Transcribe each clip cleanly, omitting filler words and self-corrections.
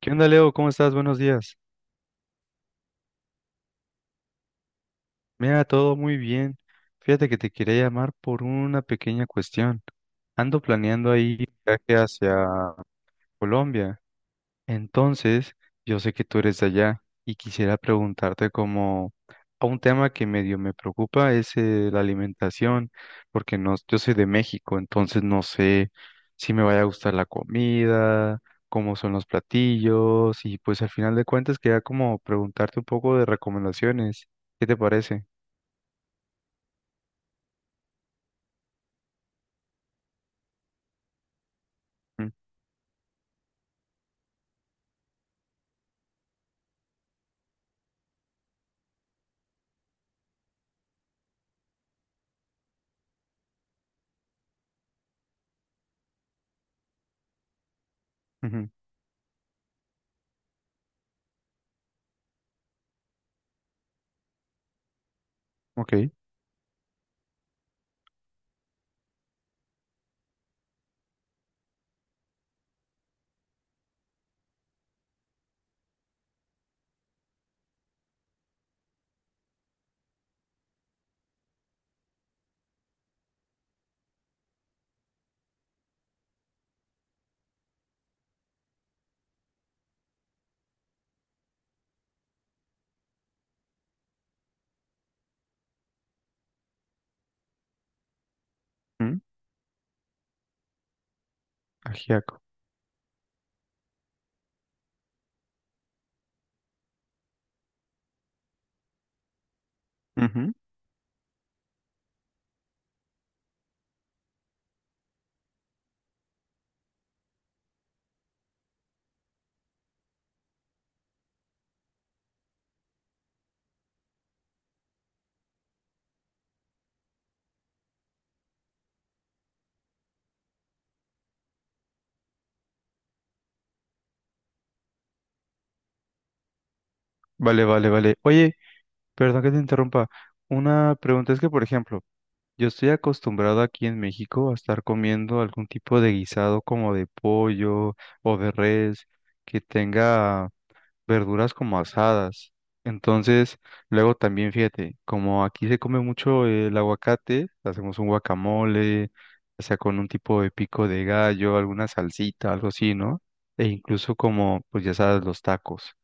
¿Qué onda, Leo? ¿Cómo estás? Buenos días. Mira, todo muy bien. Fíjate que te quería llamar por una pequeña cuestión. Ando planeando ahí un viaje hacia Colombia. Entonces, yo sé que tú eres de allá y quisiera preguntarte, como a un tema que medio me preocupa es la alimentación, porque no, yo soy de México, entonces no sé si me vaya a gustar la comida, cómo son los platillos y pues al final de cuentas quería como preguntarte un poco de recomendaciones. ¿Qué te parece? Mm, ujú, ok. Mm, ajiaco. Ujú. Vale, vale, vale. Oye, perdón que te interrumpa. Una pregunta es que, por ejemplo, yo estoy acostumbrado aquí en México a estar comiendo algún tipo de guisado como de pollo o de res que tenga verduras como asadas. Entonces, luego también fíjate, como aquí se come mucho el aguacate, hacemos un guacamole, o sea, con un tipo de pico de gallo, alguna salsita, algo así, ¿no? E incluso, como pues ya sabes, los tacos.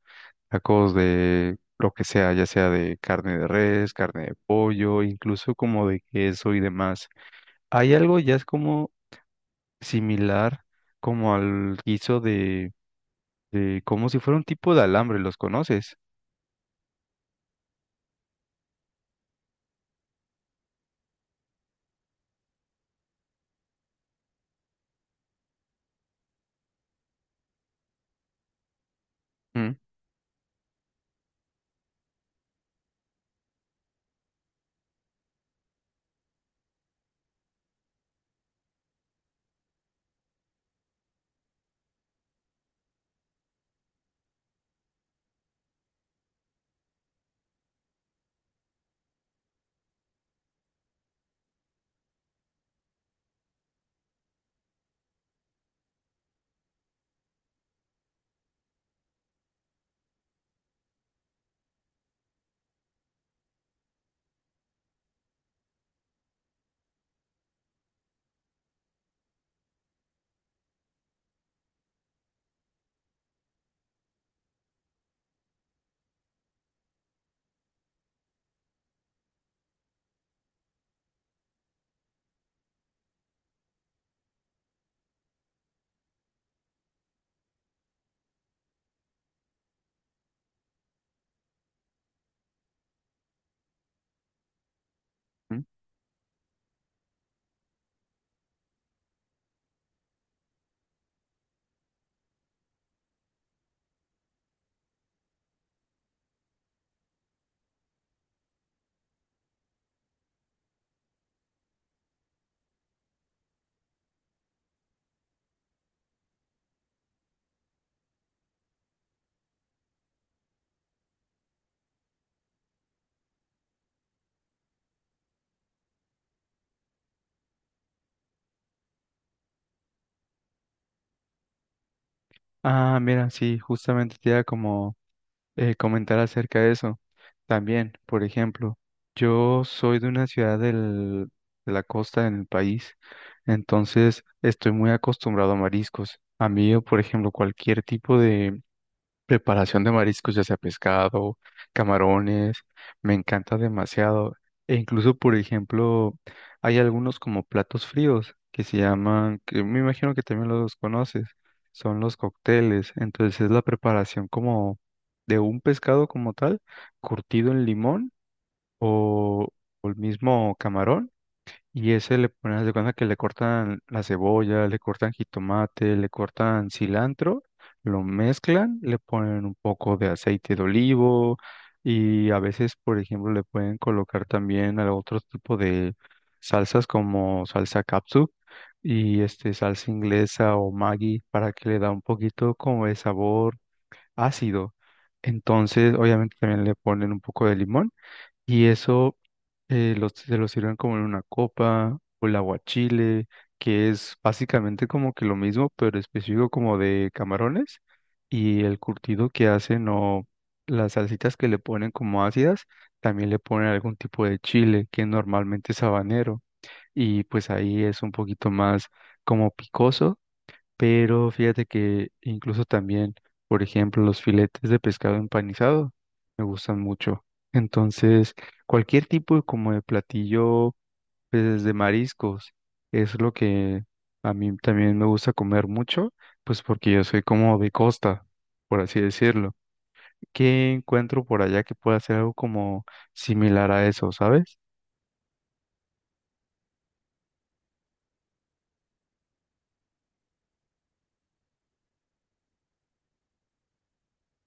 Tacos de lo que sea, ya sea de carne de res, carne de pollo, incluso como de queso y demás. Hay algo ya es como similar, como al guiso de como si fuera un tipo de alambre, ¿los conoces? Mm, mm. Ah, mira, sí, justamente te da como comentar acerca de eso. También, por ejemplo, yo soy de una ciudad de la costa en el país, entonces estoy muy acostumbrado a mariscos. A mí, por ejemplo, cualquier tipo de preparación de mariscos, ya sea pescado, camarones, me encanta demasiado. E incluso, por ejemplo, hay algunos como platos fríos que se llaman, que me imagino que también los conoces, son los cócteles. Entonces es la preparación como de un pescado como tal, curtido en limón o, o el mismo camarón, y ese le ponen, haz de cuenta que le cortan la cebolla, le cortan jitomate, le cortan cilantro, lo mezclan, le ponen un poco de aceite de olivo y a veces, por ejemplo, le pueden colocar también a otro tipo de salsas como salsa capsu y este salsa inglesa o Maggi para que le da un poquito como de sabor ácido. Entonces, obviamente también le ponen un poco de limón. Y eso, se lo sirven como en una copa o el aguachile, que es básicamente como que lo mismo, pero específico como de camarones. Y el curtido que hacen o las salsitas que le ponen como ácidas, también le ponen algún tipo de chile que normalmente es habanero. Y pues ahí es un poquito más como picoso, pero fíjate que incluso también, por ejemplo, los filetes de pescado empanizado me gustan mucho. Entonces, cualquier tipo de, como de platillo, pues de mariscos, es lo que a mí también me gusta comer mucho, pues porque yo soy como de costa, por así decirlo. ¿Qué encuentro por allá que pueda hacer algo como similar a eso, sabes?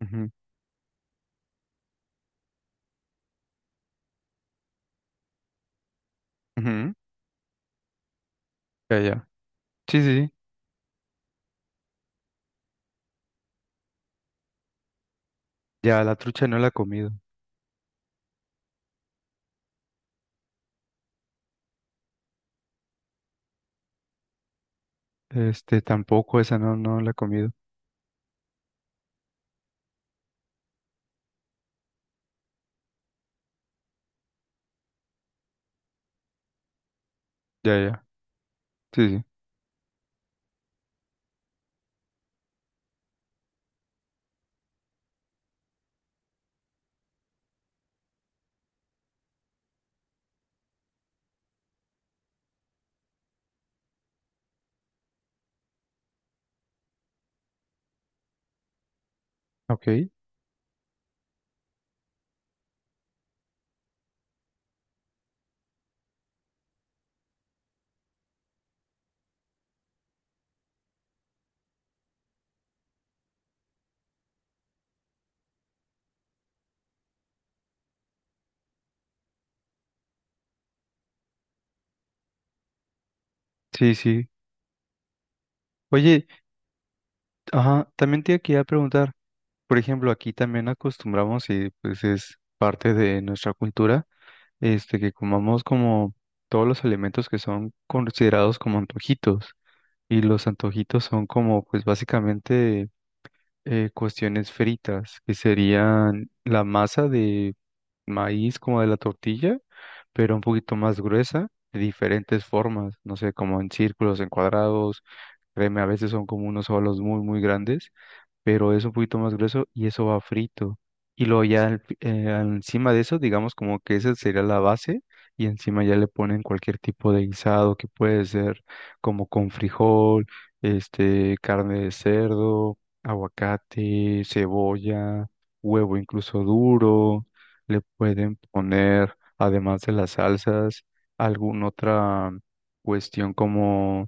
Ujú, ujú. Ya, ya. Sí, sí, sí. Ya la trucha no la he comido. Este, tampoco esa no, no la he comido. Ya, ya. Sí, sí. Ok. Sí, sí. Oye, ajá, también te quería preguntar, por ejemplo, aquí también acostumbramos y pues es parte de nuestra cultura, este, que comamos como todos los alimentos que son considerados como antojitos. Y los antojitos son como, pues básicamente cuestiones fritas, que serían la masa de maíz como de la tortilla, pero un poquito más gruesa, de diferentes formas, no sé, como en círculos, en cuadrados. Créeme, a veces son como unos solos muy, muy grandes, pero es un poquito más grueso y eso va frito. Y luego ya encima de eso, digamos como que esa sería la base, y encima ya le ponen cualquier tipo de guisado que puede ser como con frijol, este, carne de cerdo, aguacate, cebolla, huevo incluso duro. Le pueden poner, además de las salsas, alguna otra cuestión como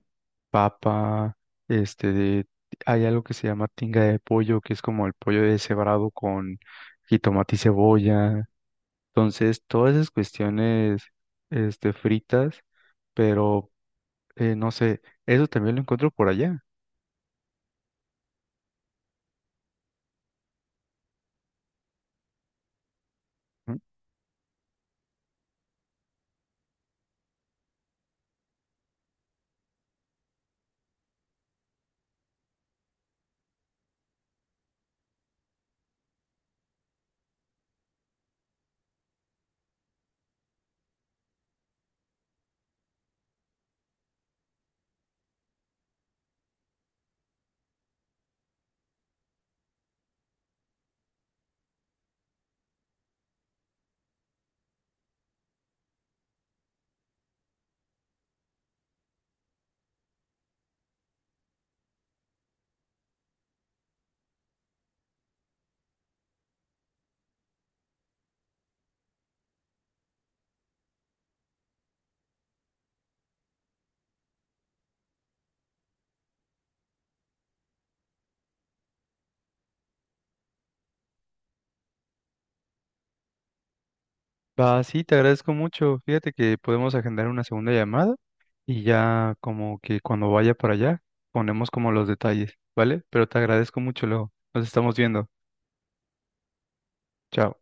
papa, este, hay algo que se llama tinga de pollo, que es como el pollo deshebrado con jitomate y cebolla. Entonces, todas esas cuestiones, este, fritas, pero no sé, eso también lo encuentro por allá. ¿No? Va, sí, te agradezco mucho. Fíjate que podemos agendar una segunda llamada y ya como que cuando vaya para allá ponemos como los detalles, ¿vale? Pero te agradezco mucho, luego. Nos estamos viendo. Chao.